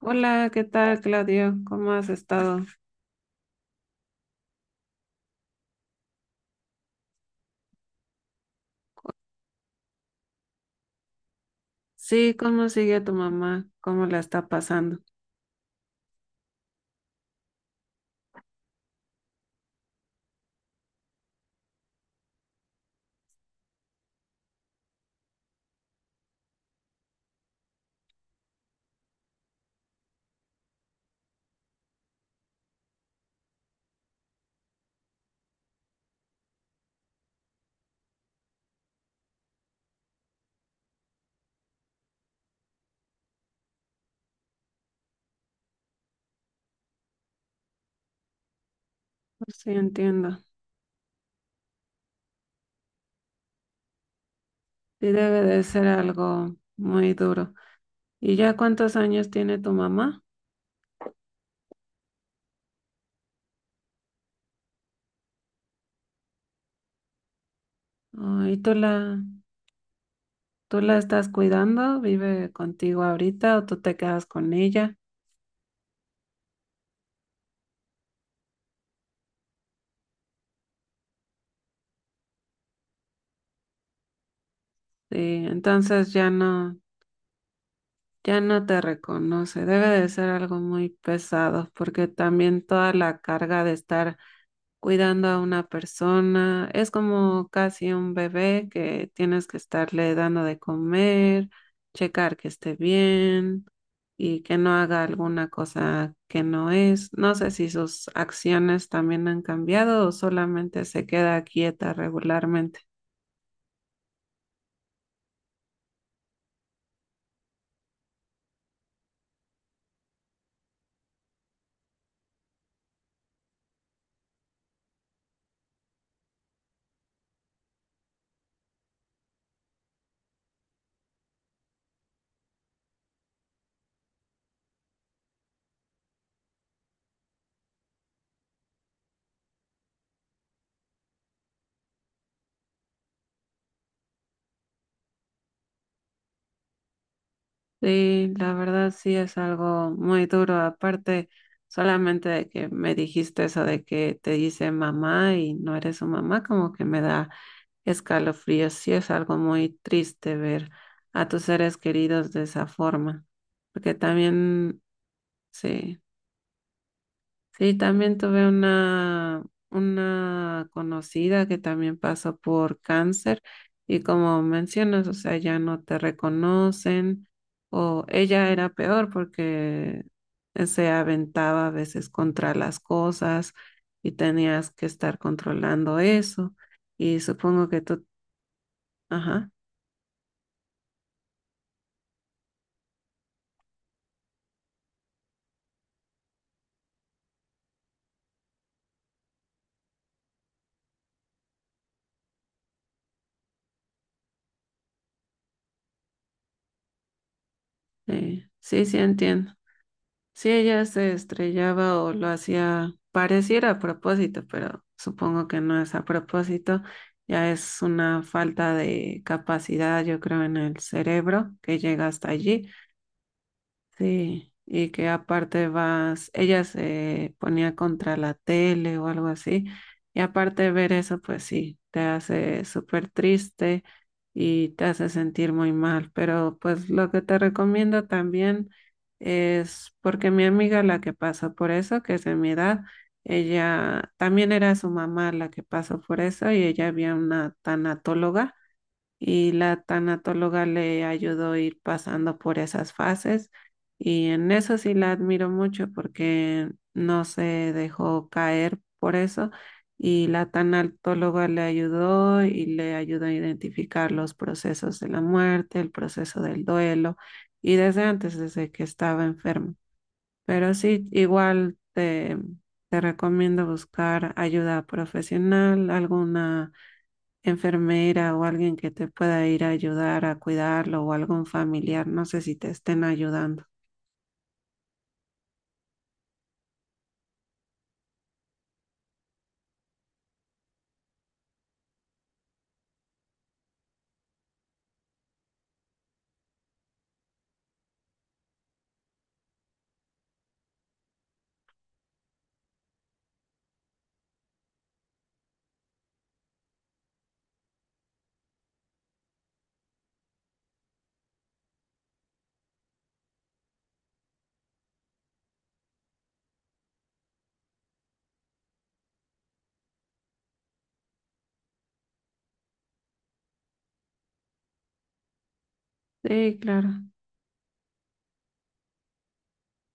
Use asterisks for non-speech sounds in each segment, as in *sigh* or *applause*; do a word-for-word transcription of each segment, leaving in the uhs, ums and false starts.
Hola, ¿qué tal, Claudio? ¿Cómo has estado? Sí, ¿cómo sigue tu mamá? ¿Cómo la está pasando? Sí, entiendo. Sí, debe de ser algo muy duro. ¿Y ya cuántos años tiene tu mamá? Oh, ¿y tú la, tú la estás cuidando? ¿Vive contigo ahorita o tú te quedas con ella? Sí, entonces ya no, ya no te reconoce. Debe de ser algo muy pesado porque también toda la carga de estar cuidando a una persona. Es como casi un bebé que tienes que estarle dando de comer, checar que esté bien y que no haga alguna cosa que no es. No sé si sus acciones también han cambiado o solamente se queda quieta regularmente. Sí, la verdad sí es algo muy duro. Aparte, solamente de que me dijiste eso de que te dice mamá y no eres su mamá, como que me da escalofríos. Sí es algo muy triste ver a tus seres queridos de esa forma, porque también, sí, sí, también tuve una, una conocida que también pasó por cáncer y como mencionas, o sea, ya no te reconocen o ella era peor porque se aventaba a veces contra las cosas y tenías que estar controlando eso y supongo que tú, ajá. Sí, sí, sí entiendo. Sí, ella se estrellaba o lo hacía, pareciera a propósito, pero supongo que no es a propósito. Ya es una falta de capacidad, yo creo, en el cerebro que llega hasta allí. Sí, y que aparte vas, ella se ponía contra la tele o algo así, y aparte de ver eso, pues sí, te hace súper triste y te hace sentir muy mal, pero pues lo que te recomiendo también es, porque mi amiga la que pasó por eso, que es de mi edad, ella también era su mamá la que pasó por eso y ella había una tanatóloga y la tanatóloga le ayudó a ir pasando por esas fases y en eso sí la admiro mucho porque no se dejó caer por eso y la tanatóloga le ayudó y le ayudó a identificar los procesos de la muerte, el proceso del duelo y desde antes, desde que estaba enferma. Pero sí, igual te, te recomiendo buscar ayuda profesional, alguna enfermera o alguien que te pueda ir a ayudar a cuidarlo o algún familiar, no sé si te estén ayudando. Sí, claro.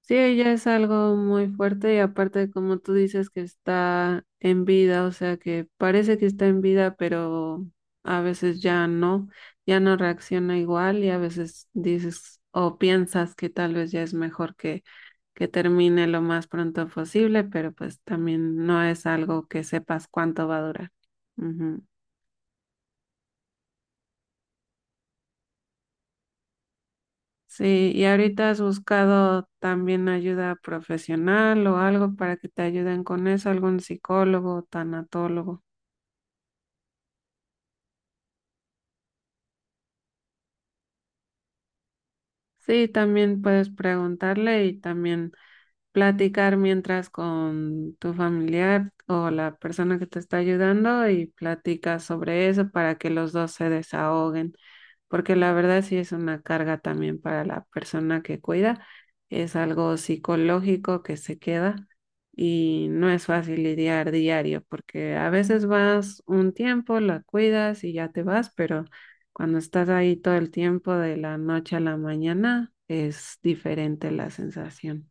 Sí, ella es algo muy fuerte y aparte, como tú dices, que está en vida, o sea que parece que está en vida, pero a veces ya no, ya no reacciona igual y a veces dices o piensas que tal vez ya es mejor que, que termine lo más pronto posible, pero pues también no es algo que sepas cuánto va a durar. Ujú. Sí, ¿y ahorita has buscado también ayuda profesional o algo para que te ayuden con eso, algún psicólogo, tanatólogo? Sí, también puedes preguntarle y también platicar mientras con tu familiar o la persona que te está ayudando y platicas sobre eso para que los dos se desahoguen, porque la verdad sí es una carga también para la persona que cuida, es algo psicológico que se queda y no es fácil lidiar diario, porque a veces vas un tiempo, la cuidas y ya te vas, pero cuando estás ahí todo el tiempo de la noche a la mañana es diferente la sensación.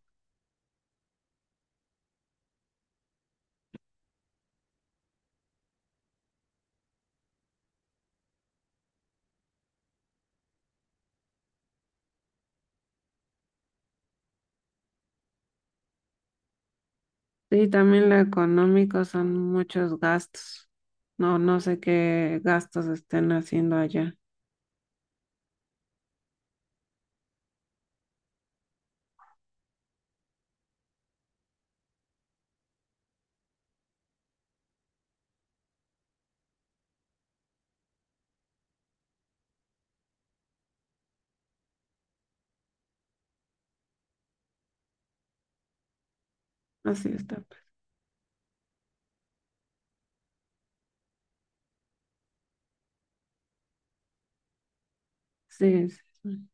Sí, también lo económico son muchos gastos. No, no sé qué gastos estén haciendo allá. Así está, pues. Sí, sí, sí.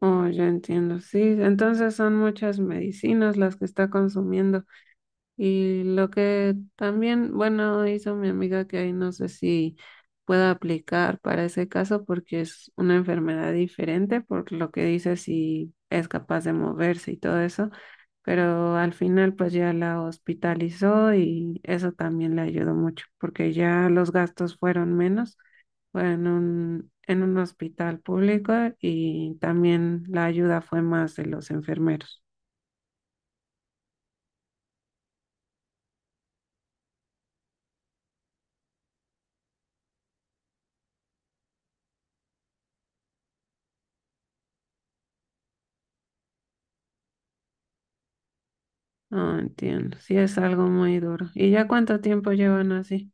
Oh, ya entiendo. Sí, entonces son muchas medicinas las que está consumiendo. Y lo que también, bueno, hizo mi amiga que ahí no sé si pueda aplicar para ese caso porque es una enfermedad diferente, por lo que dice si es capaz de moverse y todo eso. Pero al final pues ya la hospitalizó y eso también le ayudó mucho porque ya los gastos fueron menos, fue en un, en un hospital público y también la ayuda fue más de los enfermeros. No entiendo, sí es algo muy duro. ¿Y ya cuánto tiempo llevan así?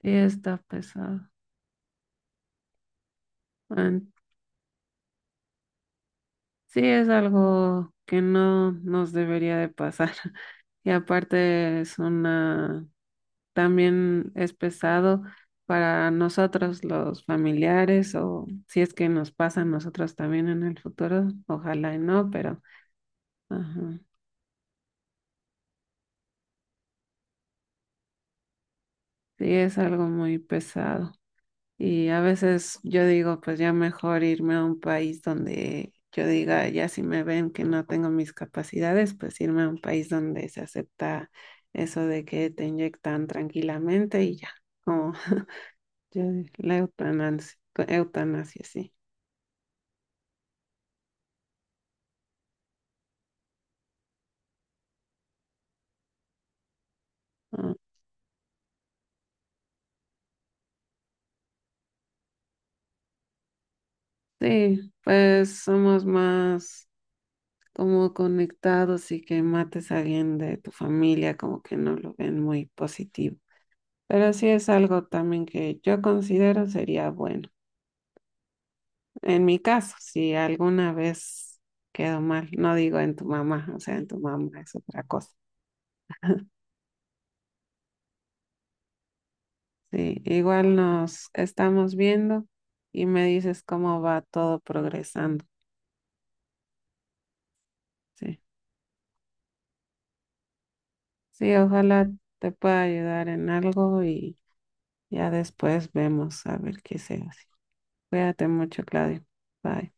Sí está pesado. En- Sí es algo que no nos debería de pasar. *laughs* Y aparte es una, también es pesado para nosotros los familiares o si es que nos pasa a nosotros también en el futuro, ojalá y no, pero ajá, sí es algo muy pesado. Y a veces yo digo, pues ya mejor irme a un país donde yo diga, ya si me ven que no tengo mis capacidades, pues irme a un país donde se acepta eso de que te inyectan tranquilamente y ya, como *laughs* yo- la eutanasia, eutanasia, sí. Ah, sí, pues somos más como conectados y que mates a alguien de tu familia como que no lo ven muy positivo. Pero sí es algo también que yo considero sería bueno. En mi caso, si alguna vez quedó mal, no digo en tu mamá, o sea, en tu mamá es otra cosa. Sí, igual nos estamos viendo y me dices cómo va todo progresando. Sí, sí, ojalá te pueda ayudar en algo y... Ya después vemos a ver qué se hace. Cuídate mucho, Claudio. Bye.